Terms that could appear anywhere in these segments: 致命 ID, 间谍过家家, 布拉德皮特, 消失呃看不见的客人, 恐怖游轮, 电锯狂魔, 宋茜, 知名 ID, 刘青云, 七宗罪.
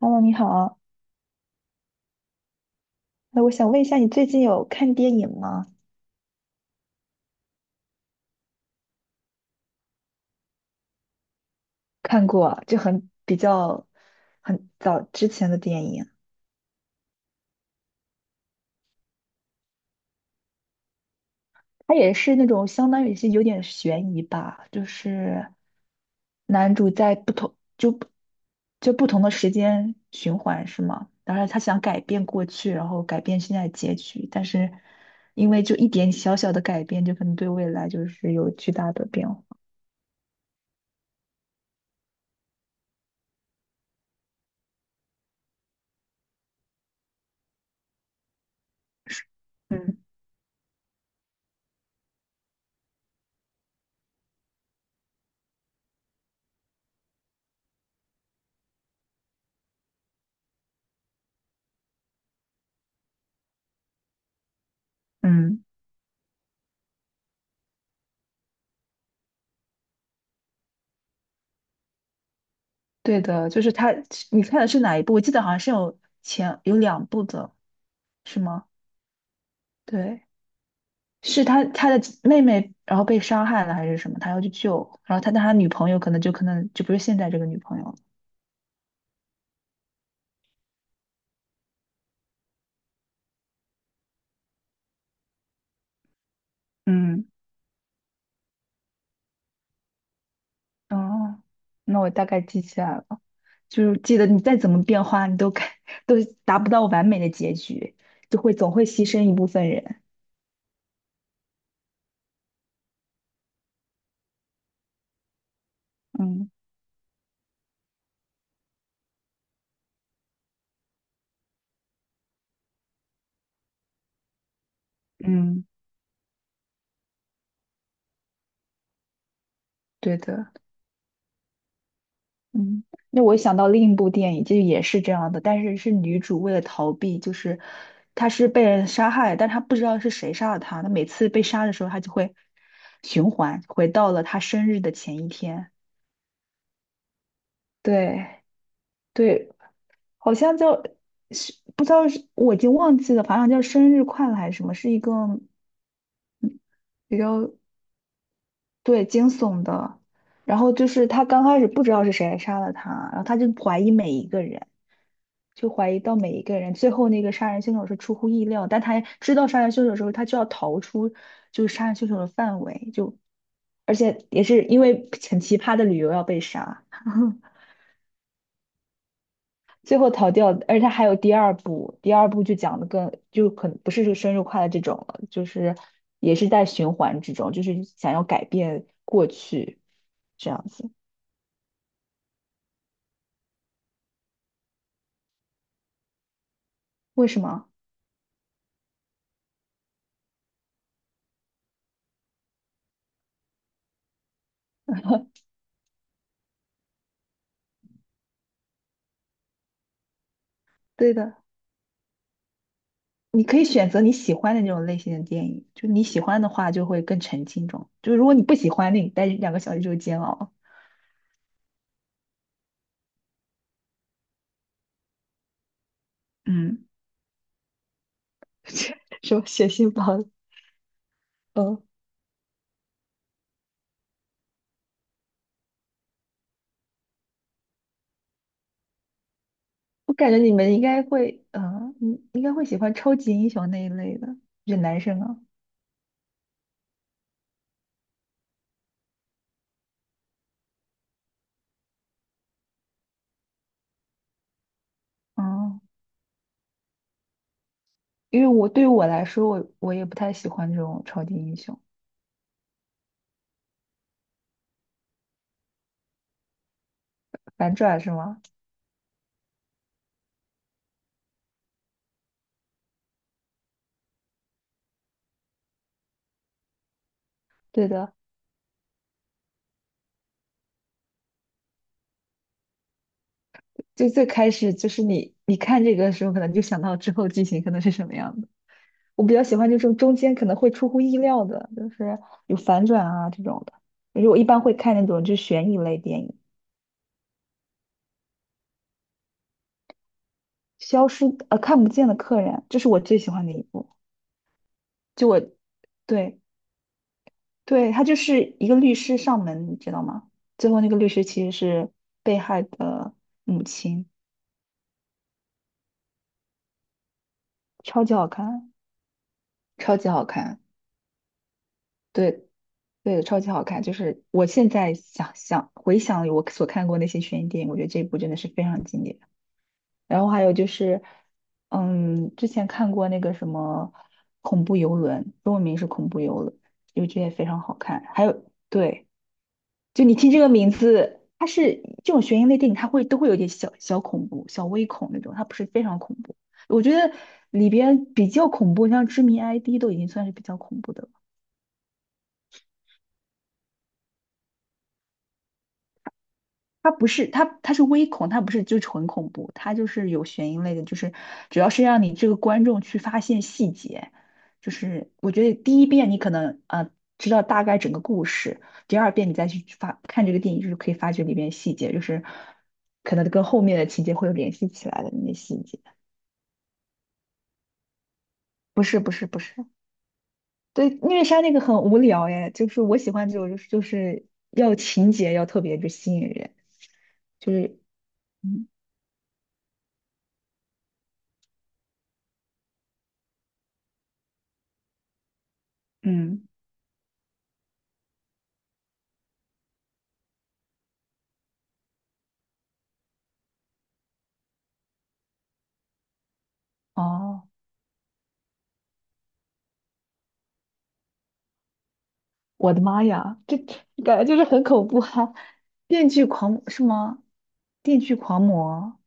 Hello,你好。那我想问一下，你最近有看电影吗？看过，就很比较很早之前的电影，它也是那种相当于是有点悬疑吧，就是男主在不同就不就不同的时间循环是吗？然后他想改变过去，然后改变现在的结局，但是因为就一点小小的改变，就可能对未来就是有巨大的变化。嗯嗯。对的，就是他，你看的是哪一部？我记得好像是有两部的，是吗？对，是他的妹妹，然后被伤害了还是什么？他要去救，然后他女朋友可能就不是现在这个女朋友了。嗯，哦，那我大概记起来了。就是记得你再怎么变化，你都该 都达不到完美的结局，就会总会牺牲一部分人。嗯嗯，对的。嗯，那我想到另一部电影，就也是这样的，但是是女主为了逃避，就是她是被人杀害，但她不知道是谁杀了她。她每次被杀的时候，她就会循环回到了她生日的前一天。对对，好像叫，是不知道，是我已经忘记了，反正叫生日快乐还是什么，是一个比较，对，惊悚的。然后就是她刚开始不知道是谁杀了她，然后她就怀疑每一个人。就怀疑到每一个人。最后那个杀人凶手是出乎意料，但他知道杀人凶手之后，他就要逃出就是杀人凶手的范围，就而且也是因为很奇葩的理由要被杀，最后逃掉。而且他还有第二部，第二部就讲的更就可能不是这个生日快乐这种了，就是也是在循环之中，就是想要改变过去这样子。为什么？对的。你可以选择你喜欢的那种类型的电影，就你喜欢的话就会更沉浸中，就如果你不喜欢，那你待两个小时就煎熬。嗯，说血腥包？嗯，我感觉你们应该会，你应该会喜欢超级英雄那一类的，就男生啊，嗯，因为我对于我来说，我也不太喜欢这种超级英雄反转是吗？对的，就最开始就是你看这个的时候，可能就想到之后剧情可能是什么样的。我比较喜欢就是中间可能会出乎意料的，就是有反转啊这种的。因为我一般会看那种就是悬疑类电影，《消失看不见的客人》，这是我最喜欢的一部。就我对对，他就是一个律师上门，你知道吗？最后那个律师其实是被害的母亲，超级好看，超级好看，对对，超级好看。就是我现在想想回想我所看过那些悬疑电影，我觉得这一部真的是非常经典。然后还有就是，嗯，之前看过那个什么恐怖游轮，中文名是恐怖游轮，就这也非常好看。还有，对，就你听这个名字，它是这种悬疑类电影，它会都会有点小小恐怖、小微恐那种，它不是非常恐怖。我觉得里边比较恐怖，像《知名 ID》都已经算是比较恐怖的了。它不是它是微恐，它不是就纯恐怖，它就是有悬疑类的，就是主要是让你这个观众去发现细节。就是我觉得第一遍你可能知道大概整个故事，第二遍你再去发看这个电影，就是可以发掘里面细节，就是可能跟后面的情节会有联系起来的那些细节。不是不是不是，对虐杀那个很无聊哎，就是我喜欢这种就是就是要情节要特别就吸引人，就是嗯嗯哦。我的妈呀，这感觉就是很恐怖哈！电锯狂是吗？电锯狂魔，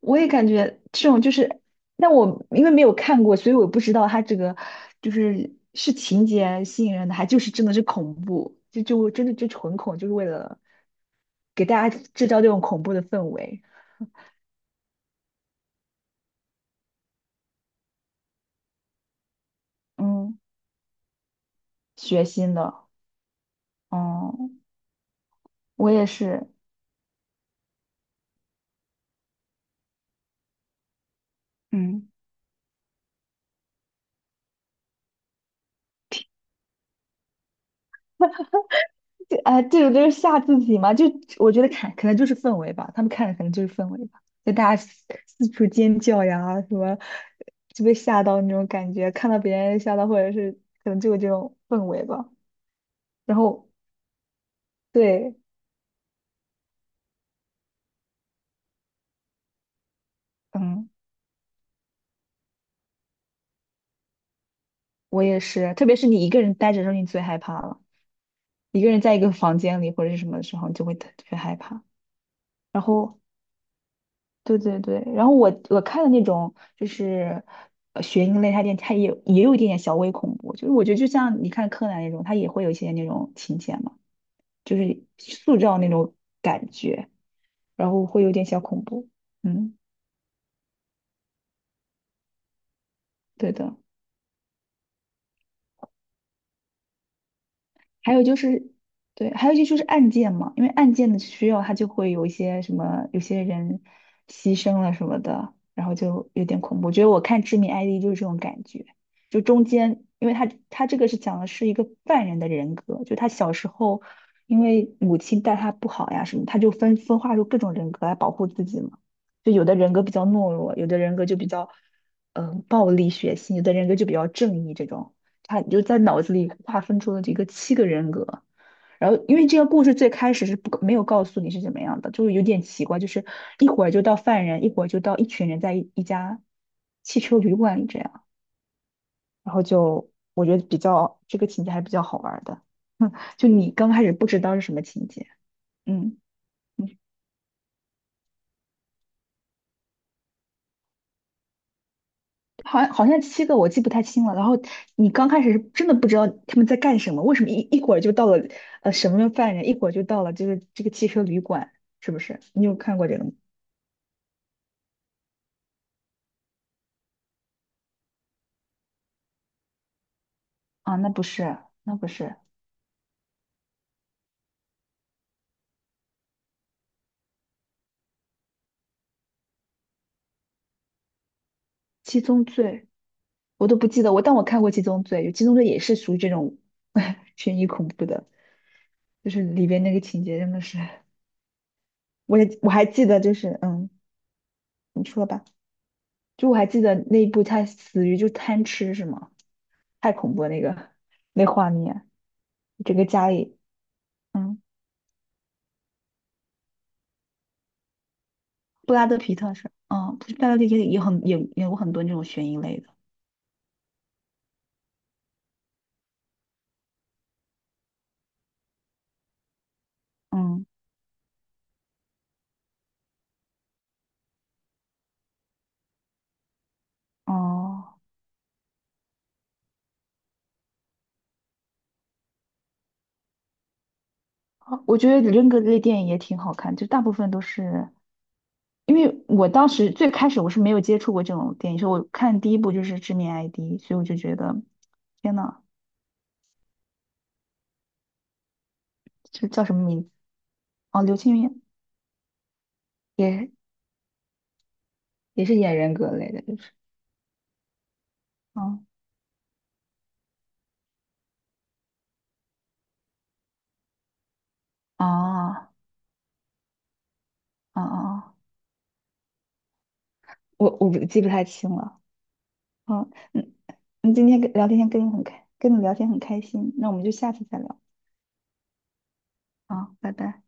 我也感觉这种就是，但我因为没有看过，所以我不知道它这个就是是情节吸引人的，还就是真的是恐怖，就就真的就纯恐，就是为了给大家制造这种恐怖的氛围，嗯，血腥的，哦，我也是，嗯。这啊，这种就是吓自己嘛，就我觉得看可能就是氛围吧，他们看的可能就是氛围吧，就大家四四处尖叫呀，什么就被吓到那种感觉，看到别人吓到，或者是可能就有这种氛围吧。然后对，嗯，我也是，特别是你一个人待着的时候，你最害怕了，一个人在一个房间里或者是什么的时候，你就会特特别害怕。然后对对对，然后我看的那种就是学英类，它电它也有也有一点点小微恐怖，就是我觉得就像你看柯南那种，它也会有一些那种情节嘛，就是塑造那种感觉，然后会有点小恐怖。嗯，对的。还有就是，对，还有一些就是案件嘛，因为案件的需要，它就会有一些什么，有些人牺牲了什么的，然后就有点恐怖。我觉得我看《致命 ID》就是这种感觉，就中间，因为他这个是讲的是一个犯人的人格，就他小时候因为母亲待他不好呀什么，他就分化出各种人格来保护自己嘛。就有的人格比较懦弱，有的人格就比较暴力血腥，有的人格就比较正义这种。他你就在脑子里划分出了这个七个人格。然后，因为这个故事最开始是不没有告诉你是怎么样的，就是有点奇怪，就是一会儿就到犯人，一会儿就到一群人在一家汽车旅馆里这样，然后就我觉得比较这个情节还是比较好玩儿的，就你刚开始不知道是什么情节，嗯。好像好像七个我记不太清了。然后你刚开始是真的不知道他们在干什么，为什么一会儿就到了什么犯人，一会儿就到了这个汽车旅馆，是不是？你有看过这个吗？啊，那不是，那不是《七宗罪》，我都不记得我，但我看过《七宗罪》，《有《七宗罪》也是属于这种 悬疑恐怖的，就是里边那个情节真的是，我还记得，就是嗯，你说吧，就我还记得那一部他死于就贪吃是吗？太恐怖了那个那画面，整个家里，嗯，布拉德皮特是，嗯，布拉德皮特也很也演过很多那种悬疑类的，嗯，哦，我觉得人格类电影也挺好看，就大部分都是，因为我当时最开始我是没有接触过这种电影，所以我看第一部就是《致命 ID》,所以我就觉得，天呐，这叫什么名字？哦，刘青云也也是演人格类的，就是，嗯，哦，哦哦，哦我不记不太清了。好，嗯，嗯，今天跟你聊天很开心，那我们就下次再聊啊，拜拜。